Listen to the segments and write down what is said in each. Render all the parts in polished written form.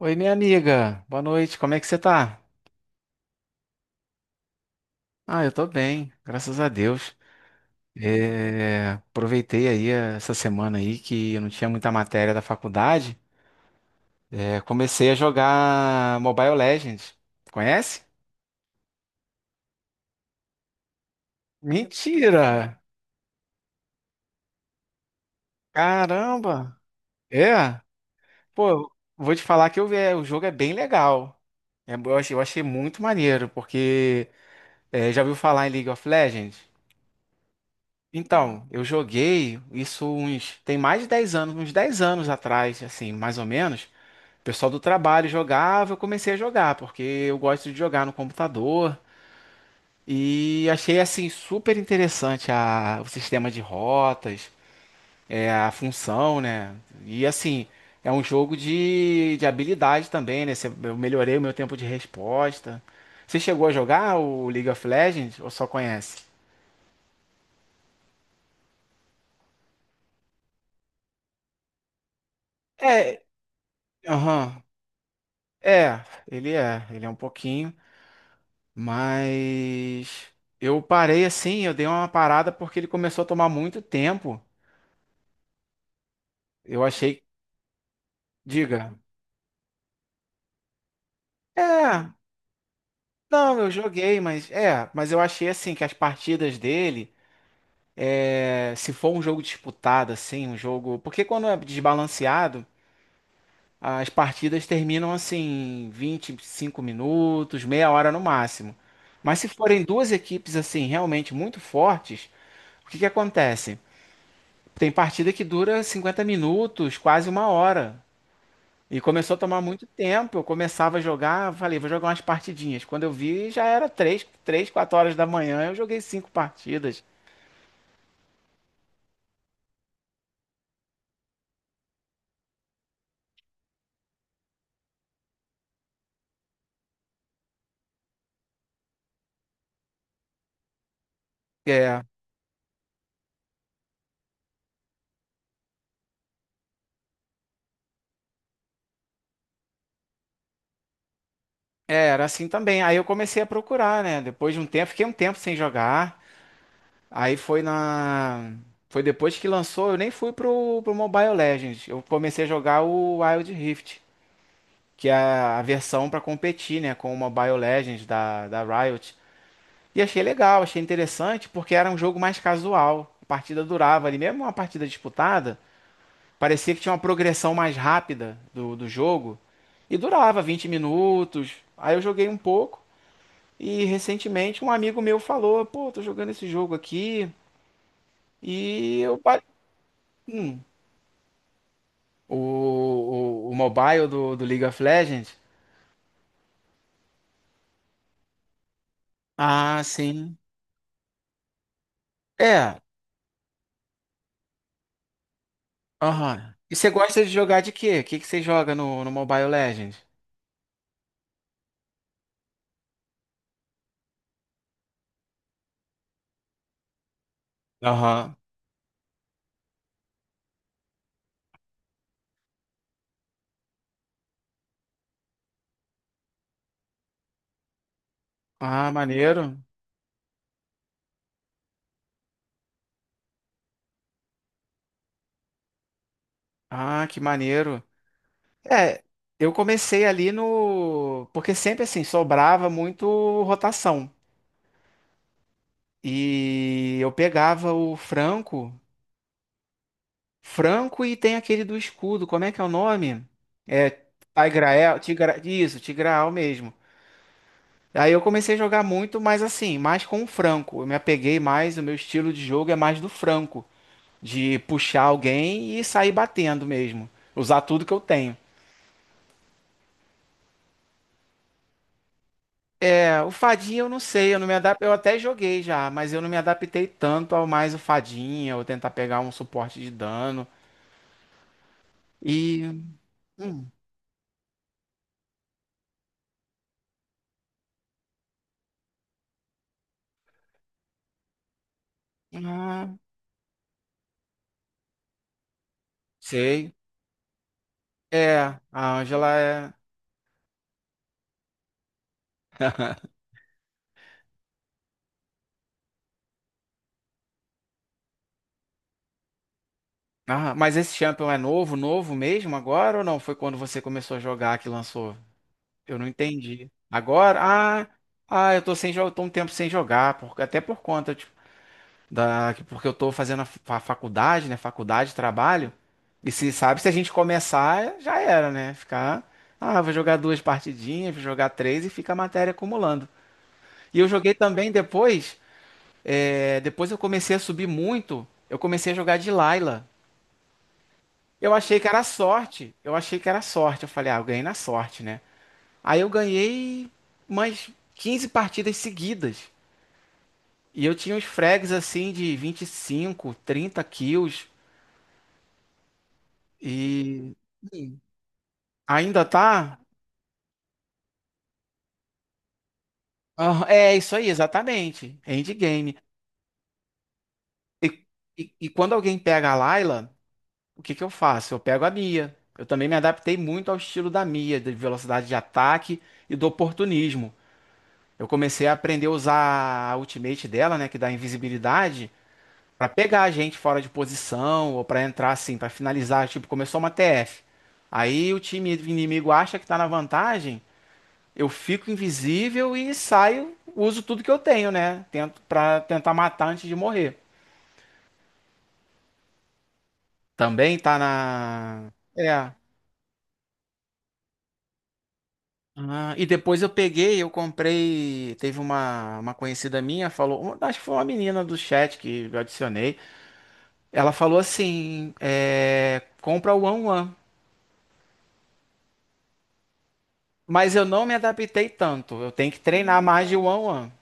Oi, minha amiga. Boa noite. Como é que você tá? Ah, eu tô bem, graças a Deus. Aproveitei aí essa semana aí que eu não tinha muita matéria da faculdade. Comecei a jogar Mobile Legends. Conhece? Mentira! Caramba! É? Pô, vou te falar que o jogo é bem legal. Eu achei muito maneiro, porque já ouviu falar em League of Legends? Então, eu joguei isso uns, tem mais de 10 anos, uns 10 anos atrás, assim, mais ou menos. O pessoal do trabalho jogava, eu comecei a jogar, porque eu gosto de jogar no computador. E achei, assim, super interessante o sistema de rotas, a função, né? E, assim, é um jogo de habilidade também, né? Você- Eu melhorei o meu tempo de resposta. Você chegou a jogar o League of Legends ou só conhece? É, aham. Ele é um pouquinho, mas eu parei assim, eu dei uma parada porque ele começou a tomar muito tempo. Eu achei, diga, é, não, eu joguei, mas eu achei assim que as partidas dele, se for um jogo disputado assim, um jogo, porque quando é desbalanceado, as partidas terminam assim vinte, e cinco minutos, meia hora no máximo. Mas se forem duas equipes assim realmente muito fortes, o que que acontece? Tem partida que dura 50 minutos, quase uma hora. E começou a tomar muito tempo. Eu começava a jogar, falei, vou jogar umas partidinhas. Quando eu vi, já era três, 4 horas da manhã, eu joguei cinco partidas. É, era assim também. Aí eu comecei a procurar, né? Depois de um tempo, fiquei um tempo sem jogar. Aí foi na. Foi depois que lançou, eu nem fui pro Mobile Legends. Eu comecei a jogar o Wild Rift, que é a versão pra competir, né, com o Mobile Legends da Riot. E achei legal, achei interessante, porque era um jogo mais casual. A partida durava ali, mesmo uma partida disputada, parecia que tinha uma progressão mais rápida do jogo. E durava 20 minutos. Aí eu joguei um pouco. E recentemente um amigo meu falou: pô, tô jogando esse jogo aqui. E eu. Ba- Hum, o mobile do League of Legends? Ah, sim. É, aham. E você gosta de jogar de quê? O que que você joga no Mobile Legends? Aham. Ah, maneiro. Ah, que maneiro. É, eu comecei ali no. Porque sempre assim, sobrava muito rotação. E eu pegava o Franco. Franco e tem aquele do escudo, como é que é o nome? É Tigrael, Tigra... isso, Tigraal mesmo. Aí eu comecei a jogar muito, mas assim, mais com o Franco. Eu me apeguei mais, o meu estilo de jogo é mais do Franco, de puxar alguém e sair batendo mesmo, usar tudo que eu tenho. É, o Fadinha eu não sei, eu não me adap... eu até joguei já, mas eu não me adaptei tanto ao mais o Fadinha, ou tentar pegar um suporte de dano. E. Hum, ah, sei. É, a Angela é. Ah, mas esse champion é novo, novo mesmo agora ou não? Foi quando você começou a jogar que lançou? Eu não entendi. Agora? Ah, ah, eu tô sem jogo, tô um tempo sem jogar, por... até por conta, da, porque eu tô fazendo a fa- faculdade, né? Faculdade, trabalho. E se sabe, se a gente começar, já era, né? Ficar, ah, vou jogar duas partidinhas, vou jogar três e fica a matéria acumulando. E eu joguei também depois, depois eu comecei a subir muito, eu comecei a jogar de Layla. Eu achei que era sorte, eu achei que era sorte. Eu falei, ah, eu ganhei na sorte, né? Aí eu ganhei umas 15 partidas seguidas. E eu tinha uns frags assim de 25 30 kills. E Sim. ainda tá? Ah, é isso aí, exatamente. Endgame. E quando alguém pega a Layla, o que que eu faço? Eu pego a Mia. Eu também me adaptei muito ao estilo da Mia, de velocidade de ataque e do oportunismo. Eu comecei a aprender a usar a ultimate dela, né, que dá invisibilidade, pra pegar a gente fora de posição ou pra entrar assim, pra finalizar, tipo, começou uma TF. Aí o time inimigo acha que tá na vantagem, eu fico invisível e saio, uso tudo que eu tenho, né? Tento para tentar matar antes de morrer. Também tá na. É. Ah, e depois eu peguei, eu comprei. Teve uma conhecida minha, falou. Uma- Acho que foi uma menina do chat que eu adicionei. Ela falou assim: é, compra o One One. Mas eu não me adaptei tanto. Eu tenho que treinar mais de One One.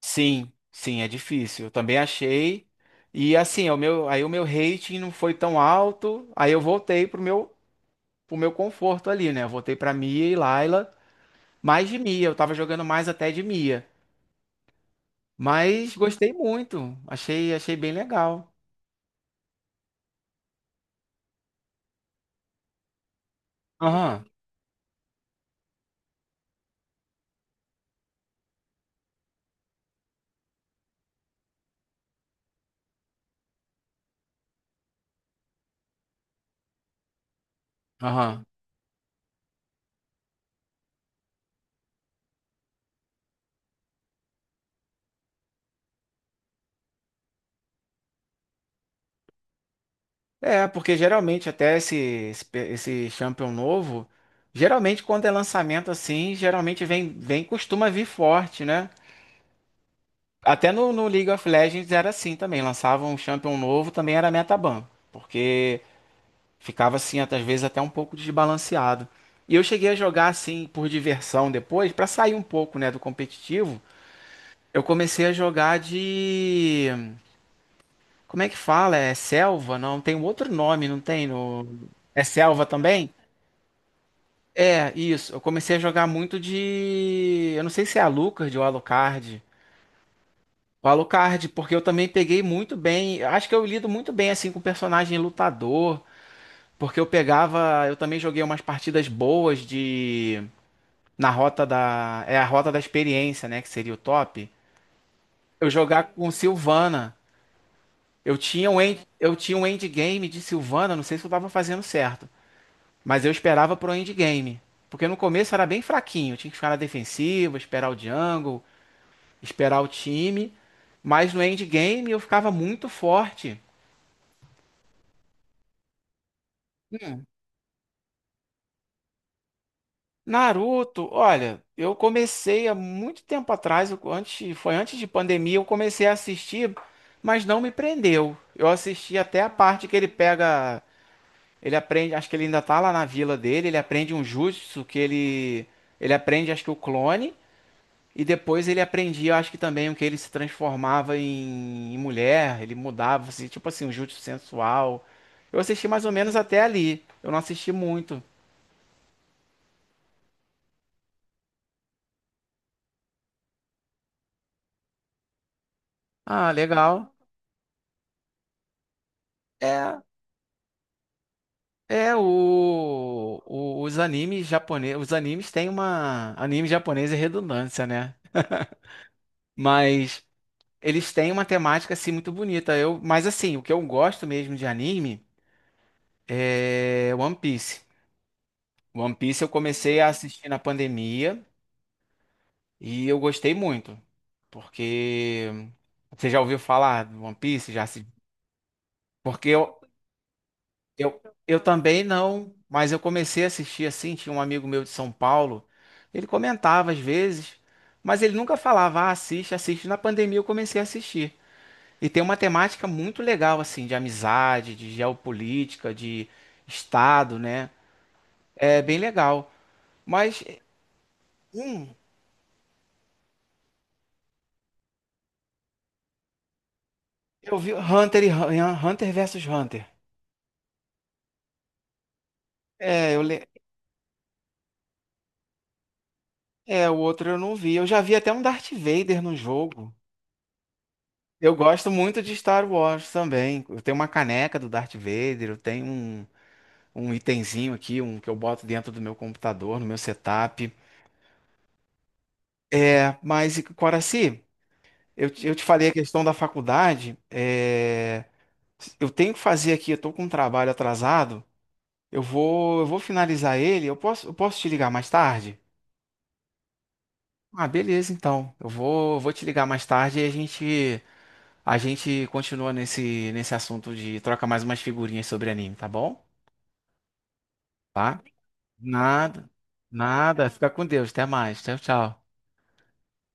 Sim, sim, é difícil. Eu também achei. E assim, é o meu, aí o meu rating não foi tão alto. Aí eu voltei pro meu conforto ali, né? Eu voltei pra Mia e Layla. Mais de Mia, eu tava jogando mais até de Mia. Mas gostei muito. Achei, achei bem legal. Aham, aham. Porque geralmente até esse Champion novo, geralmente quando é lançamento assim, geralmente vem, costuma vir forte, né? Até no League of Legends era assim também. Lançava um champion novo, também era metaban. Porque ficava assim, às vezes, até um pouco desbalanceado. E eu cheguei a jogar assim por diversão depois, pra sair um pouco, né, do competitivo. Eu comecei a jogar de. Como é que fala? É selva? Não, tem um outro nome, não tem? No... É selva também? É, isso. Eu comecei a jogar muito de. Eu não sei se é a Alucard ou Alucard. Alucard, porque eu também peguei muito bem. Acho que eu lido muito bem assim com personagem lutador, porque eu pegava, eu também joguei umas partidas boas de na rota da é a rota da experiência, né, que seria o top. Eu jogar com Sylvana. Eu tinha um end, eu tinha um endgame de Sylvana, não sei se eu tava fazendo certo, mas eu esperava pro endgame, porque no começo era bem fraquinho, eu tinha que ficar na defensiva, esperar o jungle, esperar o time, mas no endgame eu ficava muito forte. Naruto, olha, eu comecei há muito tempo atrás, eu- antes, foi antes de pandemia, eu comecei a assistir, mas não me prendeu. Eu assisti até a parte que ele pega, ele aprende, acho que ele ainda tá lá na vila dele, ele aprende um jutsu que ele aprende, acho que o clone, e depois ele aprendia, acho que também o que ele se transformava em, em mulher, ele mudava, assim, tipo assim, um jutsu sensual. Eu assisti mais ou menos até ali, eu não assisti muito. Ah, legal. É, os animes japoneses, os animes têm uma, anime japonês é redundância, né? Mas eles têm uma temática assim muito bonita. Eu, mas assim, o que eu gosto mesmo de anime é One Piece. One Piece eu comecei a assistir na pandemia e eu gostei muito, porque você já ouviu falar do One Piece? Já se... Porque eu também não, mas eu comecei a assistir assim. Tinha um amigo meu de São Paulo, ele comentava às vezes, mas ele nunca falava, ah, assiste, assiste. Na pandemia eu comecei a assistir. E tem uma temática muito legal, assim, de amizade, de geopolítica, de Estado, né? É bem legal. Mas, hum, eu vi Hunter e Hun- Hunter versus Hunter. É, eu le... é, o outro eu não vi. Eu já vi até um Darth Vader no jogo. Eu gosto muito de Star Wars também. Eu tenho uma caneca do Darth Vader, eu tenho um, um itemzinho aqui, um que eu boto dentro do meu computador, no meu setup. É, mas, Coraci, eu te falei a questão da faculdade. É, eu tenho que fazer aqui, eu tô com um trabalho atrasado. Eu vou finalizar ele. Eu posso te ligar mais tarde? Ah, beleza, então. Vou te ligar mais tarde e a gente continua nesse assunto de troca mais umas figurinhas sobre anime, tá bom? Tá? Nada, nada. Fica com Deus. Até mais. Tchau, tchau.